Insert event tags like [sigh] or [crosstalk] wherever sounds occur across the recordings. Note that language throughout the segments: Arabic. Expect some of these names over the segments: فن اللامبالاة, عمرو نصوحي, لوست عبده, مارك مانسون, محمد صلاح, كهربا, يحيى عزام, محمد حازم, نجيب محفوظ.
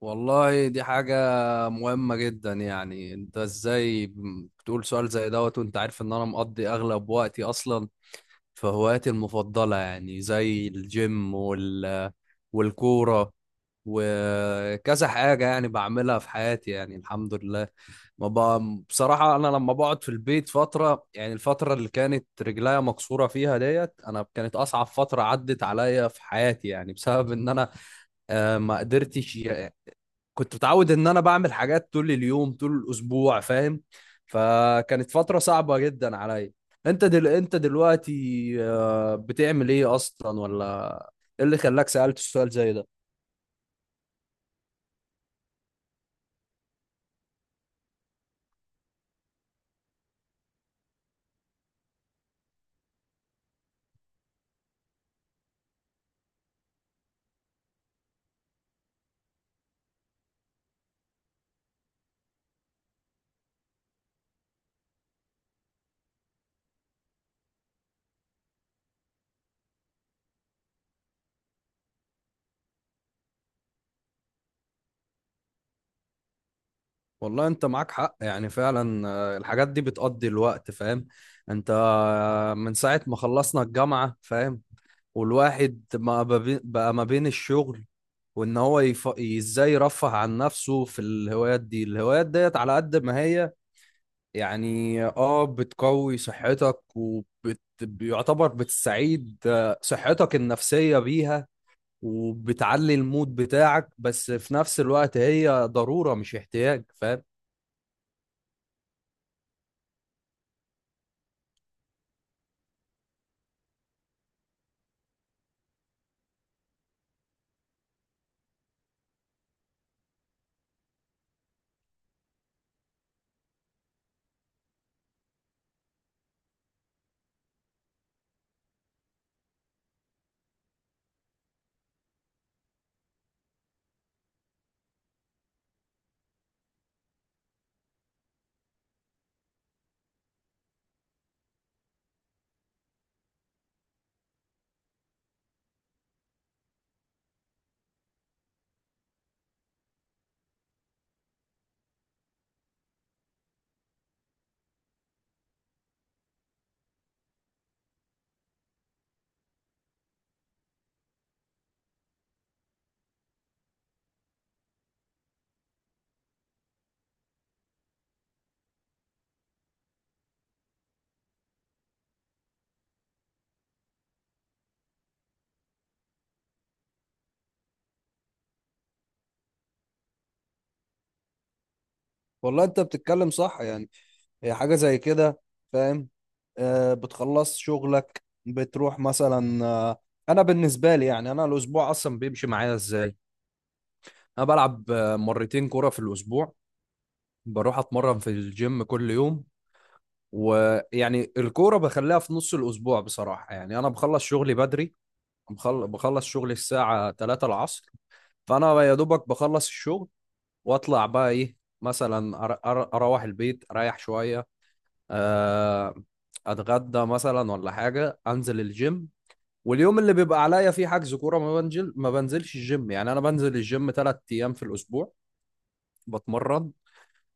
والله دي حاجة مهمة جدا. يعني انت ازاي بتقول سؤال زي دوت وانت عارف ان انا مقضي اغلب وقتي اصلا في هواياتي المفضلة، يعني زي الجيم والكورة وكذا حاجة يعني بعملها في حياتي، يعني الحمد لله. ما ب... بصراحة أنا لما بقعد في البيت فترة، يعني الفترة اللي كانت رجليا مكسورة فيها ديت أنا، كانت أصعب فترة عدت عليا في حياتي، يعني بسبب إن أنا ما قدرتش. كنت متعود ان انا بعمل حاجات طول اليوم طول الاسبوع، فاهم؟ فكانت فترة صعبة جدا عليا. انت دلوقتي بتعمل ايه اصلا؟ ولا ايه اللي خلاك سألت السؤال زي ده؟ والله انت معاك حق يعني فعلا، الحاجات دي بتقضي الوقت، فاهم؟ انت من ساعة ما خلصنا الجامعة، فاهم؟ والواحد ما ببي- بقى ما بين الشغل ازاي يرفه عن نفسه في الهوايات دي. الهوايات ديت على قد ما هي يعني اه بتقوي صحتك، وبيعتبر بتستعيد صحتك النفسية بيها، وبتعلي المود بتاعك، بس في نفس الوقت هي ضرورة مش احتياج، فاهم؟ والله انت بتتكلم صح يعني، هي حاجة زي كده، فاهم؟ آه، بتخلص شغلك بتروح مثلا آه، انا بالنسبة لي يعني، انا الاسبوع اصلا بيمشي معايا ازاي؟ انا بلعب مرتين كرة في الاسبوع، بروح اتمرن في الجيم كل يوم. ويعني الكورة بخليها في نص الأسبوع. بصراحة يعني أنا بخلص شغلي بدري، بخلص شغلي الساعة 3 العصر، فأنا يا دوبك بخلص الشغل وأطلع بقى إيه، مثلا أروح البيت أريح شوية، آه، أتغدى مثلا ولا حاجة، أنزل الجيم. واليوم اللي بيبقى عليا فيه حجز كورة ما بنزلش الجيم. يعني أنا بنزل الجيم 3 أيام في الأسبوع بتمرن،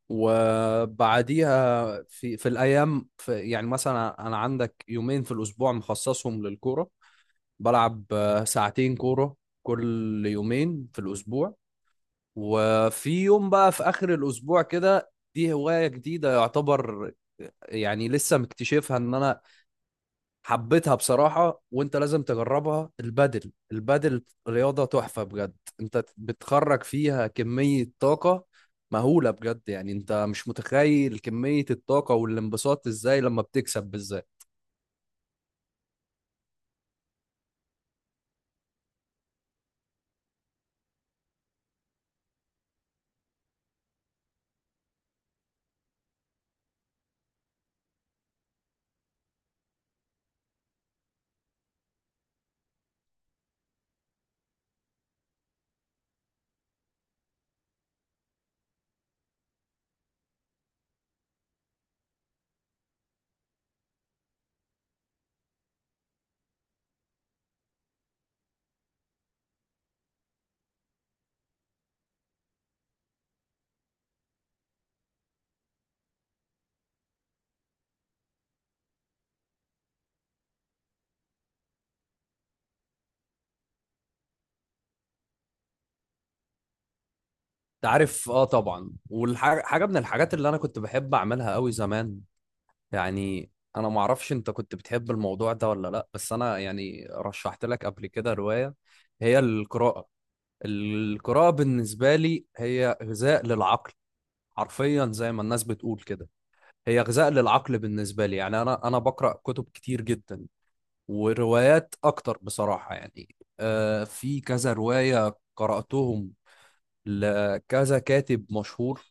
وبعديها في الايام في، يعني مثلا انا عندك 2 يوم في الاسبوع مخصصهم للكوره، بلعب 2 ساعة كوره كل 2 يوم في الاسبوع. وفي يوم بقى في اخر الاسبوع كده، دي هوايه جديده يعتبر، يعني لسه مكتشفها ان انا حبيتها بصراحة، وانت لازم تجربها. البادل، البادل رياضة تحفة بجد، انت بتخرج فيها كمية طاقة مهولة بجد. يعني انت مش متخيل كمية الطاقة والانبساط ازاي لما بتكسب بالذات. انت عارف اه طبعا، والحاجة من الحاجات اللي انا كنت بحب اعملها قوي زمان يعني، انا معرفش انت كنت بتحب الموضوع ده ولا لا، بس انا يعني رشحت لك قبل كده رواية، هي القراءة. القراءة بالنسبة لي هي غذاء للعقل، حرفيا زي ما الناس بتقول كده، هي غذاء للعقل. بالنسبة لي يعني، أنا بقرأ كتب كتير جدا وروايات أكتر بصراحة. يعني آه، في كذا رواية قرأتهم لكذا كاتب مشهور،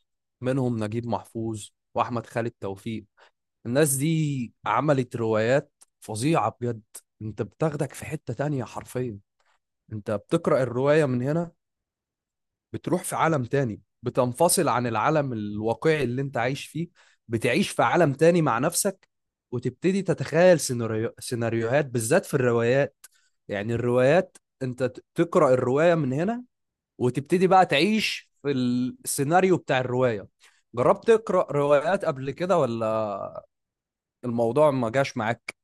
منهم نجيب محفوظ وأحمد خالد توفيق. الناس دي عملت روايات فظيعة بجد. أنت بتاخدك في حتة تانية حرفيا، أنت بتقرأ الرواية من هنا، بتروح في عالم تاني، بتنفصل عن العالم الواقعي اللي انت عايش فيه، بتعيش في عالم تاني مع نفسك، وتبتدي تتخيل سيناريوهات، بالذات في الروايات. يعني الروايات انت تقرأ الرواية من هنا، وتبتدي بقى تعيش في السيناريو بتاع الرواية. جربت تقرأ روايات قبل كده ولا الموضوع ما جاش معاك؟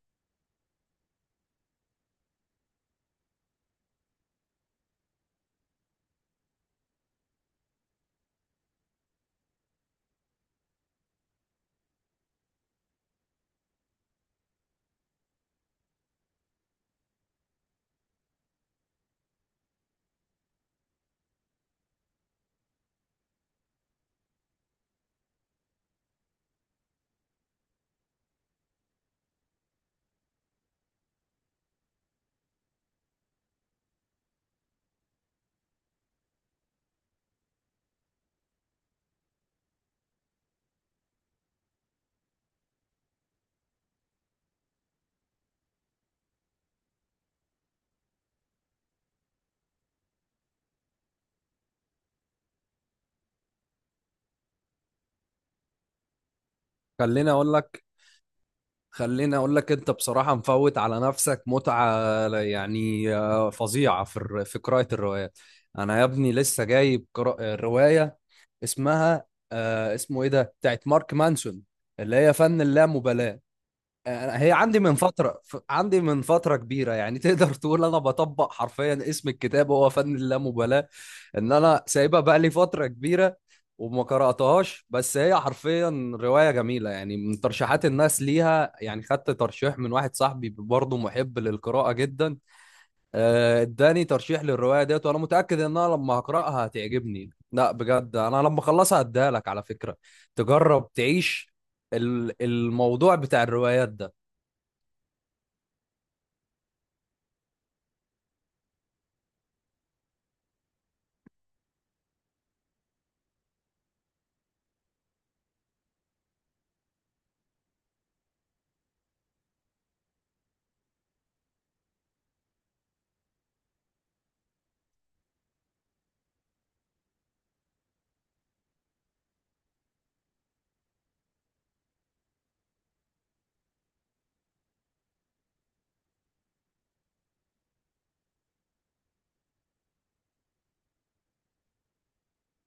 خليني اقول لك خليني اقول لك، انت بصراحه مفوت على نفسك متعه يعني فظيعه في في قراءه الروايات. انا يا ابني لسه جايب روايه، اسمها آه، اسمه ايه ده بتاعت مارك مانسون، اللي هي فن اللامبالاه. هي عندي من فتره، عندي من فتره كبيره يعني. [laughs] تقدر تقول انا بطبق حرفيا اسم الكتاب، هو فن اللامبالاه، ان انا سايبها بقى لي فتره كبيره وما قراتهاش. بس هي حرفيا روايه جميله يعني، من ترشيحات الناس ليها، يعني خدت ترشيح من واحد صاحبي برضه محب للقراءه جدا، اداني ترشيح للروايه ديت، وانا متاكد ان انا لما هقراها هتعجبني. لا بجد، انا لما اخلصها هديها لك على فكره، تجرب تعيش الموضوع بتاع الروايات ده.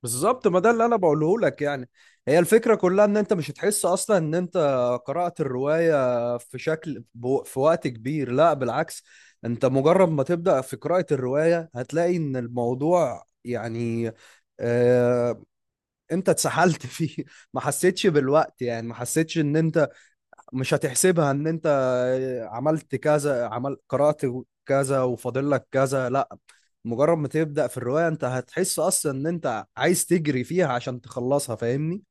بالظبط، ما ده اللي انا بقوله لك يعني، هي الفكره كلها ان انت مش هتحس اصلا ان انت قرات الروايه في شكل في وقت كبير. لا بالعكس، انت مجرد ما تبدا في قراءه الروايه هتلاقي ان الموضوع يعني آه، انت اتسحلت [laughs] فيه، ما حسيتش بالوقت. يعني ما حسيتش ان انت مش هتحسبها ان انت عملت كذا، عمل قرأت كذا وفاضل لك كذا. لا مجرد ما تبدأ في الرواية انت هتحس اصلا ان انت عايز تجري فيها عشان تخلصها، فاهمني؟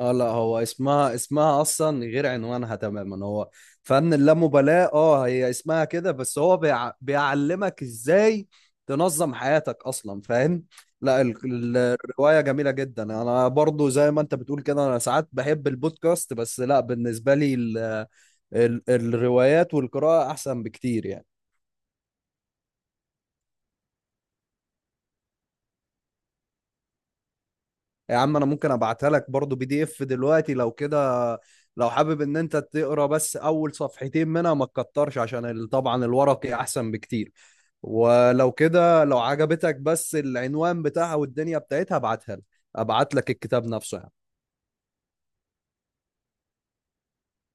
اه لا، هو اسمها، اسمها اصلا غير عنوانها تماما. هو فن اللامبالاة، اه هي اسمها كده، بس هو بيعلمك ازاي تنظم حياتك اصلا، فاهم؟ لا الرواية جميلة جدا. انا برضو زي ما انت بتقول كده، انا ساعات بحب البودكاست، بس لا بالنسبة لي الروايات والقراءة احسن بكتير يعني. يا عم انا ممكن ابعتها لك برضو PDF دلوقتي لو كده، لو حابب ان انت تقرا بس اول 2 صفحة منها ما تكترش، عشان طبعا الورقي احسن بكتير. ولو كده لو عجبتك بس العنوان بتاعها والدنيا بتاعتها، ابعتها لك، ابعت لك الكتاب نفسه يعني.